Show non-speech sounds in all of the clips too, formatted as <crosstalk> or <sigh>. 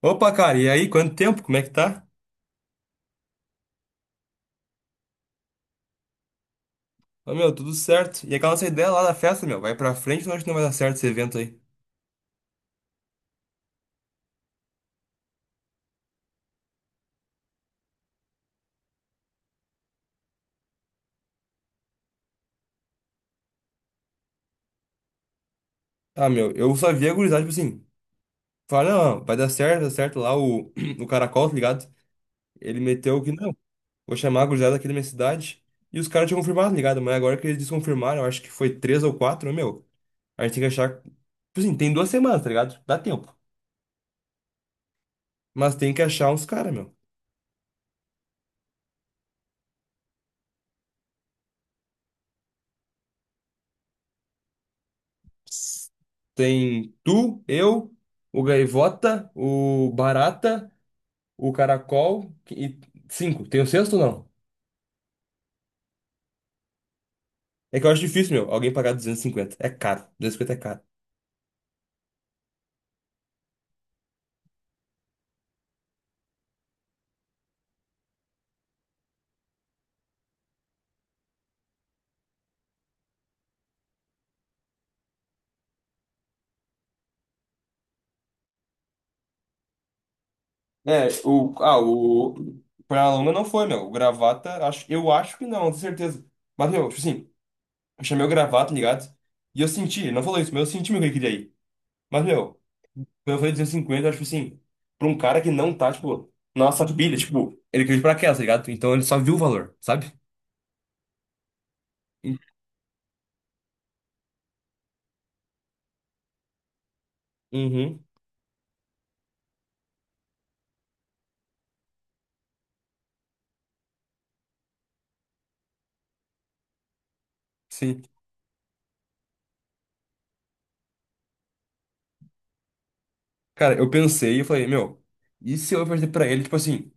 Opa, cara, e aí, quanto tempo? Como é que tá? Ô, meu, tudo certo. E aquela nossa ideia lá da festa, meu, vai pra frente, ou acho que não vai dar certo esse evento aí. Ah, meu, eu só vi a gurizada, tipo assim, fala, não, não, vai dar certo, dá certo lá o, <clears throat> o Caracol, tá ligado? Ele meteu que não, vou chamar a gurizada aqui da minha cidade. E os caras tinham confirmado, tá ligado? Mas agora que eles desconfirmaram, eu acho que foi três ou quatro, né, meu, a gente tem que achar, tipo assim, tem 2 semanas, tá ligado? Dá tempo. Mas tem que achar uns caras, meu. Tem tu, eu, o Gaivota, o Barata, o Caracol e cinco. Tem o sexto ou não? É que eu acho difícil, meu, alguém pagar 250. É caro. 250 é caro. É, o. Ah, o. Pra longa não foi, meu. O Gravata, eu acho que não, não tenho certeza. Mas, meu, tipo assim, eu chamei o Gravata, tá ligado? E eu senti, ele não falou isso, mas eu senti meu que ele queria ir. Mas, meu, quando eu falei 250, eu acho assim, pra um cara que não tá, tipo, na nossa pilha, tipo, ele caiu de paraquedas, tá ligado? Então ele só viu o valor, sabe? E- Uhum, sim. Cara, eu pensei e falei, meu, e se eu oferecer pra ele, tipo assim,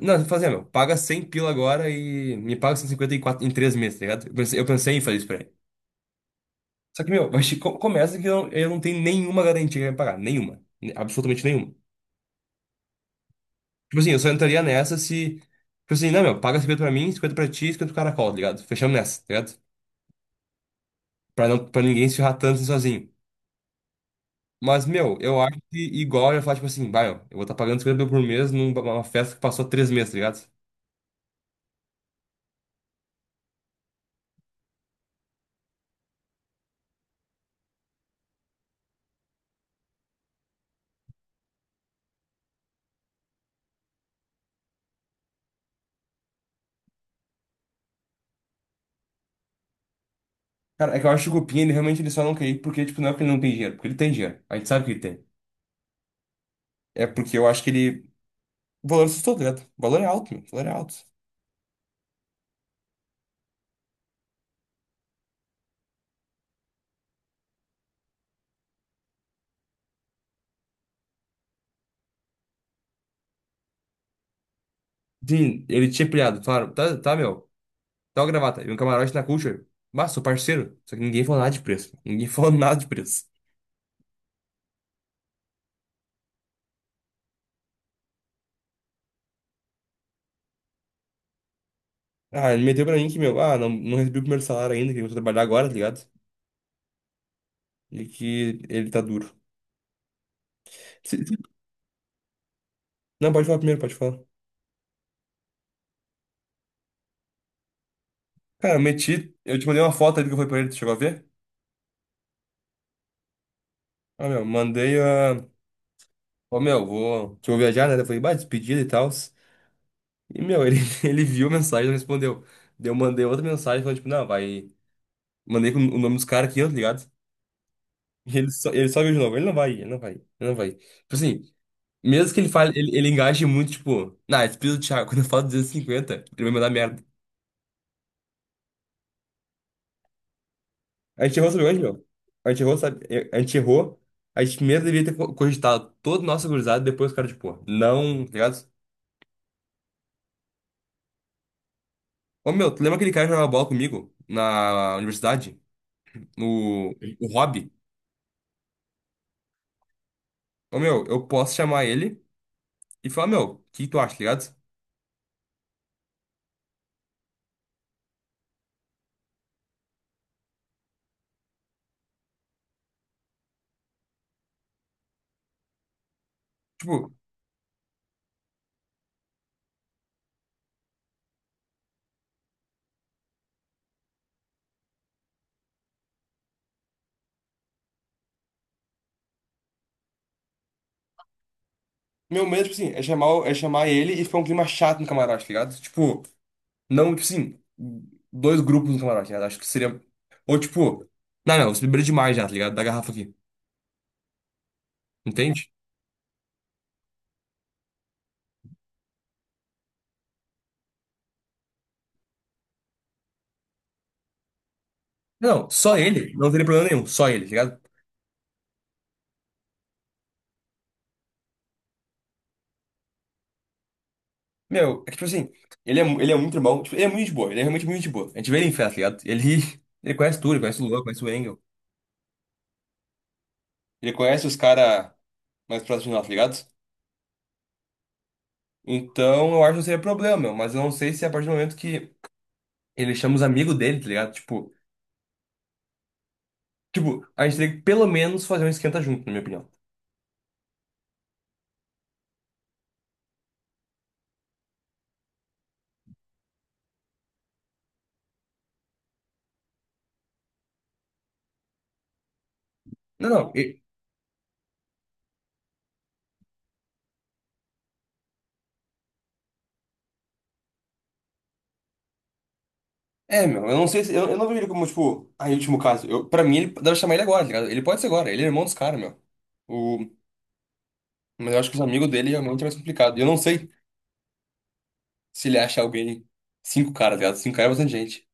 não, fazer, meu, paga 100 pila agora e me paga 154 em 3 meses, tá ligado? Eu pensei em fazer isso pra ele. Só que, meu, vai começa que eu não tenho nenhuma garantia que ele vai me pagar, nenhuma, absolutamente nenhuma. Tipo assim, eu só entraria nessa se, tipo assim, não, meu, paga 50 pra mim, 50 pra ti, 50 pro Caracol, tá ligado? Fechamos nessa, tá ligado? Pra, não, pra ninguém se ferrar tanto assim sozinho. Mas, meu, eu acho que igual eu ia falar, tipo assim, vai, meu, eu vou estar tá pagando 50 mil por mês numa festa que passou 3 meses, tá ligado? Cara, é que eu acho que o Cupim, ele realmente ele só não quer ir porque, tipo, não é porque ele não tem dinheiro, porque ele tem dinheiro. A gente sabe que ele tem. É porque eu acho que ele. O valor assustou, tá ligado? O valor é alto, meu. O valor é alto. Sim, ele tinha pilhado, claro. Tá, tá, meu. Tal gravata. E um camarote na Culture. Bah, sou parceiro. Só que ninguém falou nada de preço. Ninguém falou <laughs> nada de preço. Ah, ele meteu pra mim que, meu, ah, não, não recebi o primeiro salário ainda, que eu vou trabalhar agora, tá ligado? E que ele tá duro. Se- se- Não, pode falar primeiro, pode falar. Cara, eu meti. Eu te mandei uma foto ali que eu fui pra ele, tu chegou a ver? Ah, meu, mandei a. Ó, meu, vou. Que eu vou viajar, né? Eu falei, bah, despedida e tal. E, meu, ele, <laughs> ele viu a mensagem e não respondeu. Daí eu mandei outra mensagem falando, tipo, não, vai. Mandei com o nome dos caras aqui, ó, tá ligado? Ele só viu de novo. Ele não vai ir. Tipo assim, mesmo que ele fale, ele engaje muito, tipo, na, despesa do Thiago, <laughs> quando eu falo 250, ele vai me dar merda. A gente errou, sabe onde, meu? A gente errou, sabe? É, a gente errou. A gente mesmo deveria ter cogitado todo o nosso gurizado, depois o cara, tipo, não, tá ligado? Ô, meu, tu lembra aquele cara que jogava bola comigo na universidade? No, o Rob? Ô, meu, eu posso chamar ele e falar, meu, o que tu acha, tá ligado? Tipo, meu medo, tipo assim, é chamar ele e ficar um clima chato no camarote, tá ligado? Tipo. Não, tipo assim, dois grupos no camarote, né? Acho que seria. Ou tipo, não, não, você bebeu demais já, tá ligado? Da garrafa aqui. Entende? Não, só ele, não teria problema nenhum, só ele, tá ligado? Meu, é que tipo assim, ele é muito irmão, tipo, ele é muito gente boa, ele é realmente muito gente boa. A gente vê ele em festa, tá ligado? Ele, <laughs> ele conhece tudo, ele conhece o Luan, conhece o Engel. Ele conhece os caras mais próximos de nós, tá ligado? Então eu acho que não seria problema, meu, mas eu não sei se é a partir do momento que ele chama os amigos dele, tá ligado? Tipo, a gente teria que pelo menos fazer um esquenta junto, na minha opinião. Não, não. É, meu, eu não sei se. Eu não vejo ele como, tipo, ah, em último caso. Eu, pra mim, ele deve chamar ele agora, tá ligado? Ele pode ser agora, ele é irmão dos caras, meu. O, mas eu acho que os amigos dele realmente é mais complicado. E eu não sei se ele acha alguém. Cinco caras, tá ligado? Cinco caras é bastante gente.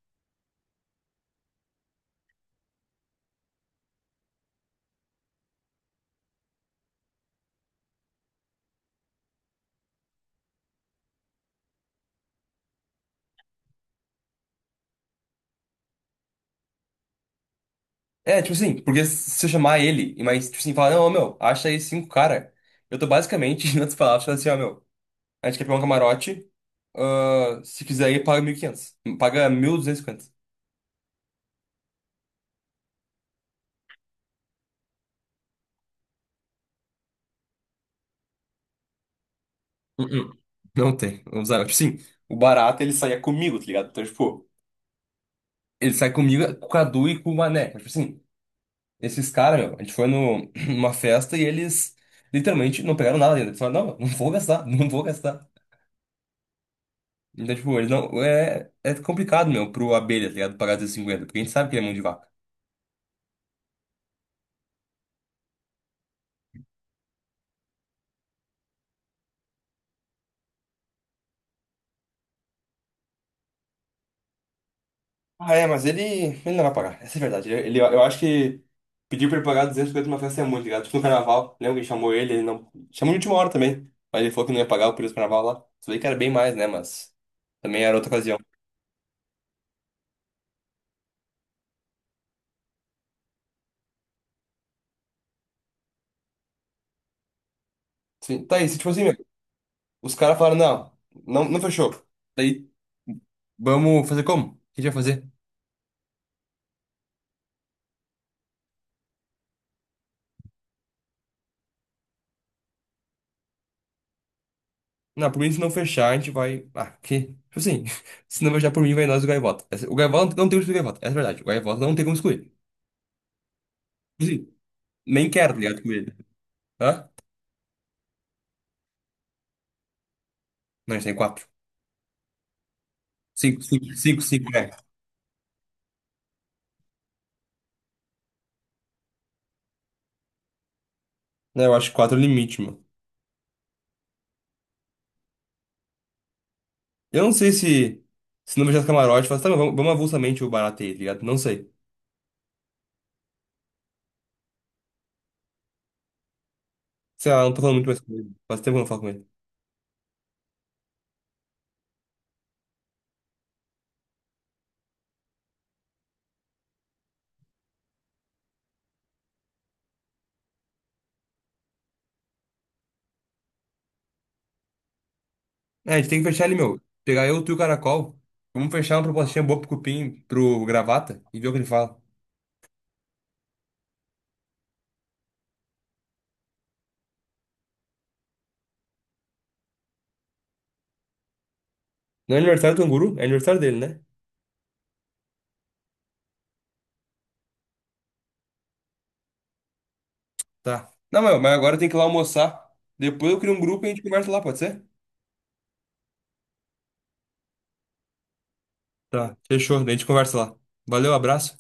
É, tipo assim, porque se eu chamar ele, e mais, tipo assim, falar, não, ô, meu, acha aí cinco cara. Eu tô basicamente, <laughs> em outras palavras, falando assim, ó, meu, a gente quer pegar um camarote. Ah, se quiser aí, paga 1.500. Paga 1.250. Uh-uh. Não tem. Vamos usar. Tipo assim, o Barato ele saía comigo, tá ligado? Então, tipo. Ele sai comigo, com o Cadu e com o Mané. Tipo assim, esses caras, meu, a gente foi no, <clears throat> numa festa e eles literalmente não pegaram nada ainda. Eles falaram, não, não vou gastar, <laughs> não vou gastar. Então, tipo, eles não. É complicado, meu, pro Abelha, tá ligado? Pagar 250, porque a gente sabe que ele é mão de vaca. Ah, é, mas ele não vai pagar. Essa é a verdade. Eu acho que pedir pra ele pagar 250 numa festa é muito, tá ligado? Tipo no carnaval. Lembra que chamou ele? Ele não. Chamou de última hora também. Mas ele falou que não ia pagar o preço do carnaval lá. Isso aí que era bem mais, né? Mas também era outra ocasião. Sim. Tá aí, se tipo assim, meu. Os caras falaram, não, não, não fechou. Daí, vamos fazer como? O que a gente vai fazer? Não, por mim, se não fechar, a gente vai. Ah, que. Tipo assim, <laughs> se não fechar por mim, vai nós e o Gaivota. O Gaivota não tem como excluir o Gaivota, essa é a verdade. O Gaivota não tem como excluir. Tipo assim, nem quero, tá ligado, com ele. Hã? Não, a gente tem quatro. Cinco, cinco, cinco, cinco, é. Não, eu acho que quatro é o limite, mano. Eu não sei se. Se não fechar os camarotes, fala, tá, mas vamos avulsamente o Barato aí, tá ligado? Não sei. Sei lá, não tô falando muito mais com ele. Faz tempo que eu não falo com ele. É, a gente tem que fechar ele, meu. Pegar eu, tu e o Caracol. Vamos fechar uma propostinha boa pro Cupim, pro Gravata, e ver o que ele fala. Não é aniversário do Canguru? É aniversário dele, né? Tá. Não, meu, mas agora tem que ir lá almoçar. Depois eu crio um grupo e a gente conversa lá, pode ser? Tá, fechou. Daí a gente conversa lá. Valeu, abraço.